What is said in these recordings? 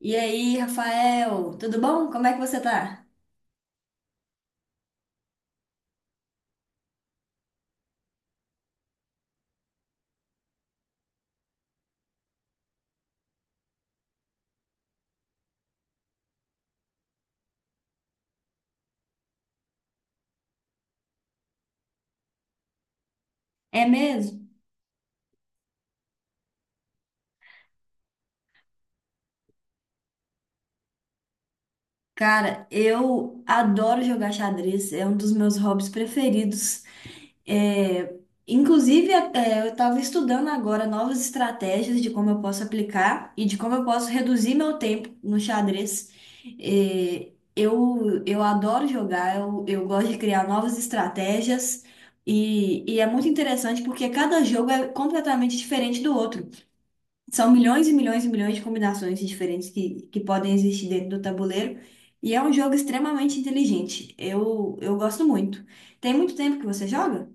E aí, Rafael, tudo bom? Como é que você tá? É mesmo? Cara, eu adoro jogar xadrez, é um dos meus hobbies preferidos. É, inclusive, eu estava estudando agora novas estratégias de como eu posso aplicar e de como eu posso reduzir meu tempo no xadrez. Eu adoro jogar, eu gosto de criar novas estratégias e é muito interessante porque cada jogo é completamente diferente do outro. São milhões e milhões e milhões de combinações diferentes que podem existir dentro do tabuleiro. E é um jogo extremamente inteligente. Eu gosto muito. Tem muito tempo que você joga?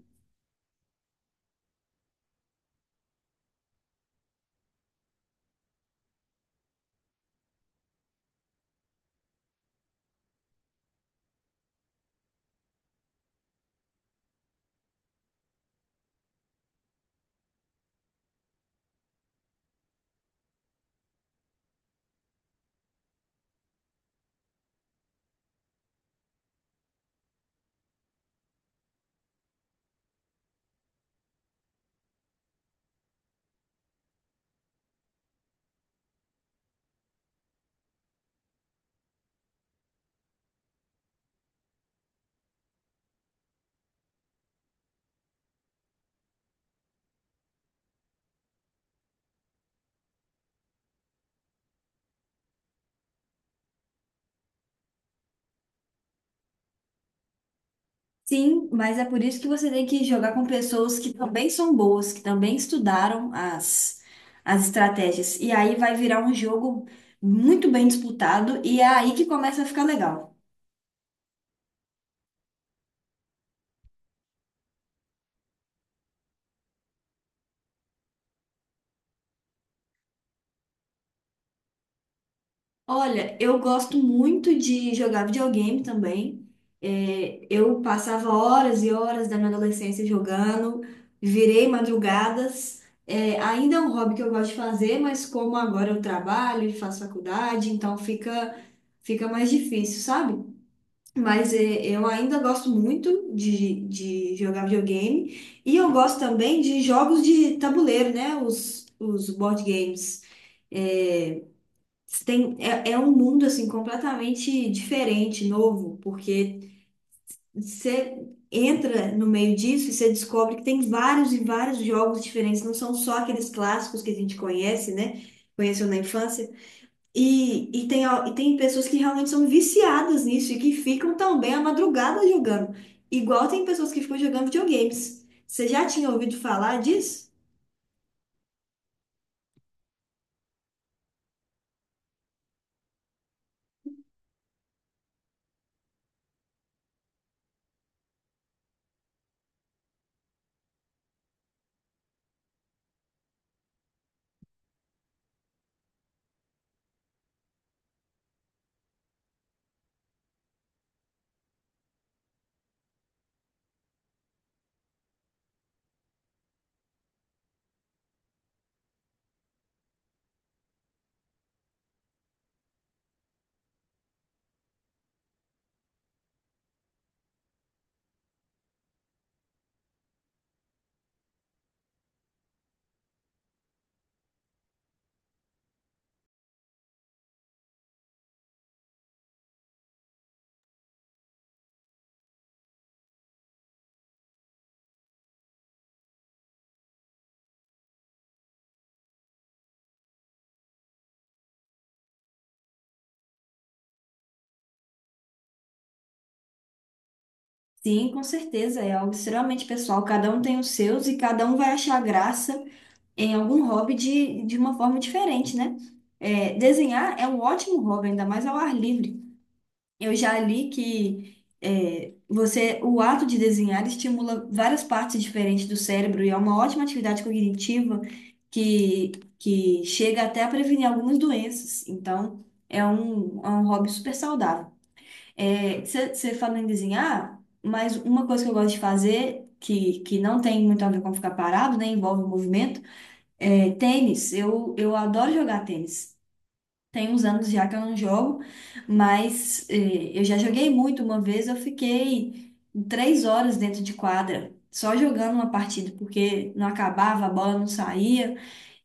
Sim, mas é por isso que você tem que jogar com pessoas que também são boas, que também estudaram as estratégias. E aí vai virar um jogo muito bem disputado, e é aí que começa a ficar legal. Olha, eu gosto muito de jogar videogame também. Eu passava horas e horas da minha adolescência jogando, virei madrugadas. É, ainda é um hobby que eu gosto de fazer, mas como agora eu trabalho e faço faculdade, então fica mais difícil, sabe? Mas é, eu ainda gosto muito de jogar videogame e eu gosto também de jogos de tabuleiro, né? Os board games. É, você tem, é um mundo assim completamente diferente, novo, porque você entra no meio disso e você descobre que tem vários e vários jogos diferentes, não são só aqueles clássicos que a gente conhece, né? Conheceu na infância. E tem pessoas que realmente são viciadas nisso e que ficam também à madrugada jogando. Igual tem pessoas que ficam jogando videogames. Você já tinha ouvido falar disso? Sim, com certeza, é algo extremamente pessoal. Cada um tem os seus e cada um vai achar graça em algum hobby de uma forma diferente, né? É, desenhar é um ótimo hobby, ainda mais ao ar livre. Eu já li que você, o ato de desenhar estimula várias partes diferentes do cérebro e é uma ótima atividade cognitiva que, que chega até a prevenir algumas doenças. Então, é um hobby super saudável. Você falando em desenhar, mas uma coisa que eu gosto de fazer, que não tem muito a ver com ficar parado, né? Envolve o movimento. É, tênis, eu adoro jogar tênis. Tem uns anos já que eu não jogo, mas é, eu já joguei muito. Uma vez eu fiquei 3 horas dentro de quadra, só jogando uma partida, porque não acabava, a bola não saía.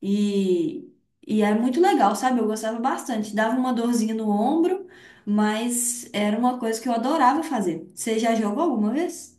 E, e era muito legal, sabe? Eu gostava bastante. Dava uma dorzinha no ombro, mas era uma coisa que eu adorava fazer. Você já jogou alguma vez?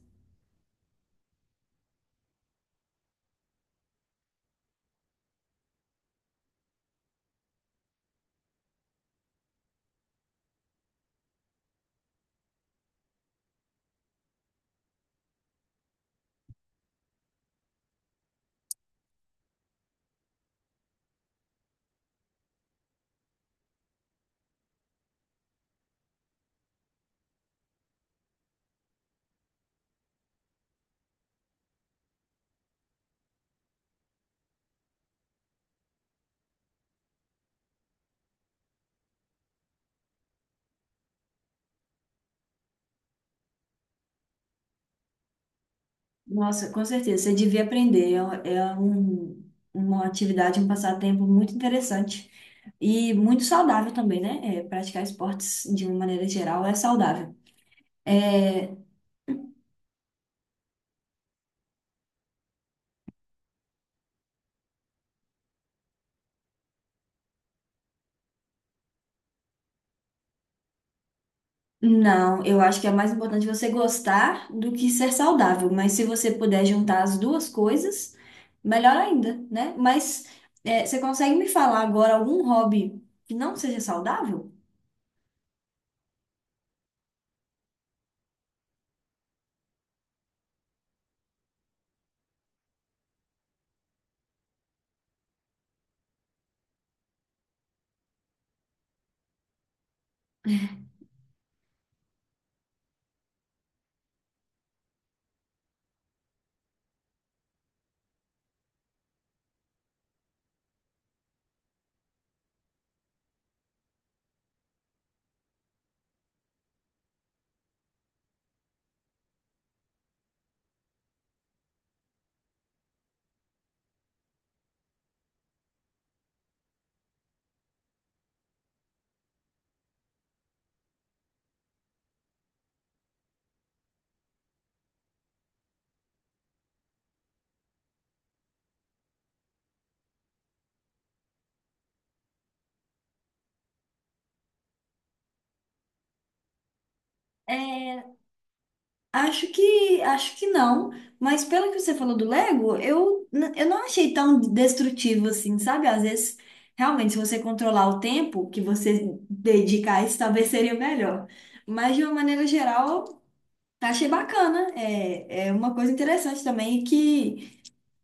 Nossa, com certeza, você devia aprender. É uma atividade, um passatempo muito interessante e muito saudável também, né? É, praticar esportes de uma maneira geral é saudável. É, não, eu acho que é mais importante você gostar do que ser saudável, mas se você puder juntar as duas coisas, melhor ainda, né? Mas é, você consegue me falar agora algum hobby que não seja saudável? É, acho acho que não, mas pelo que você falou do Lego, eu não achei tão destrutivo assim, sabe? Às vezes, realmente, se você controlar o tempo que você dedica a isso, talvez seria melhor. Mas, de uma maneira geral, achei bacana. É, é uma coisa interessante também que.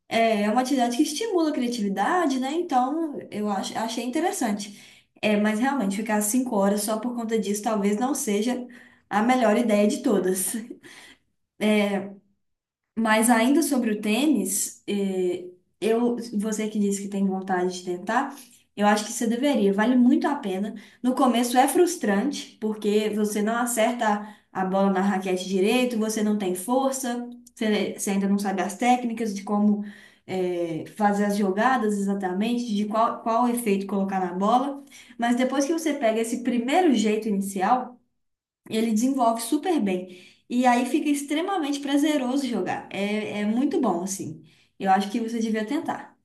É uma atividade que estimula a criatividade, né? Então, achei interessante. É, mas, realmente, ficar 5 horas só por conta disso talvez não seja a melhor ideia de todas. Mas ainda sobre o tênis, eu, você que disse que tem vontade de tentar, eu acho que você deveria, vale muito a pena. No começo é frustrante, porque você não acerta a bola na raquete direito, você não tem força, você ainda não sabe as técnicas de como, fazer as jogadas exatamente, de qual efeito colocar na bola. Mas depois que você pega esse primeiro jeito inicial, e ele desenvolve super bem. E aí fica extremamente prazeroso jogar. É, é muito bom, assim. Eu acho que você devia tentar.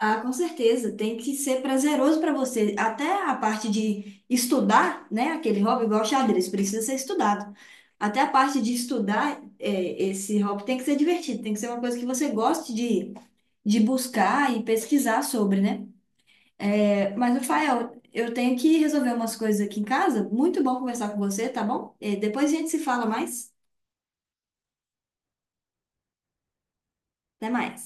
Ah, com certeza, tem que ser prazeroso para você. Até a parte de estudar, né? Aquele hobby igual xadrez, precisa ser estudado. Até a parte de estudar, é, esse hobby tem que ser divertido, tem que ser uma coisa que você goste de buscar e pesquisar sobre, né? É, mas, Rafael, eu tenho que resolver umas coisas aqui em casa. Muito bom conversar com você, tá bom? É, depois a gente se fala mais. Até mais.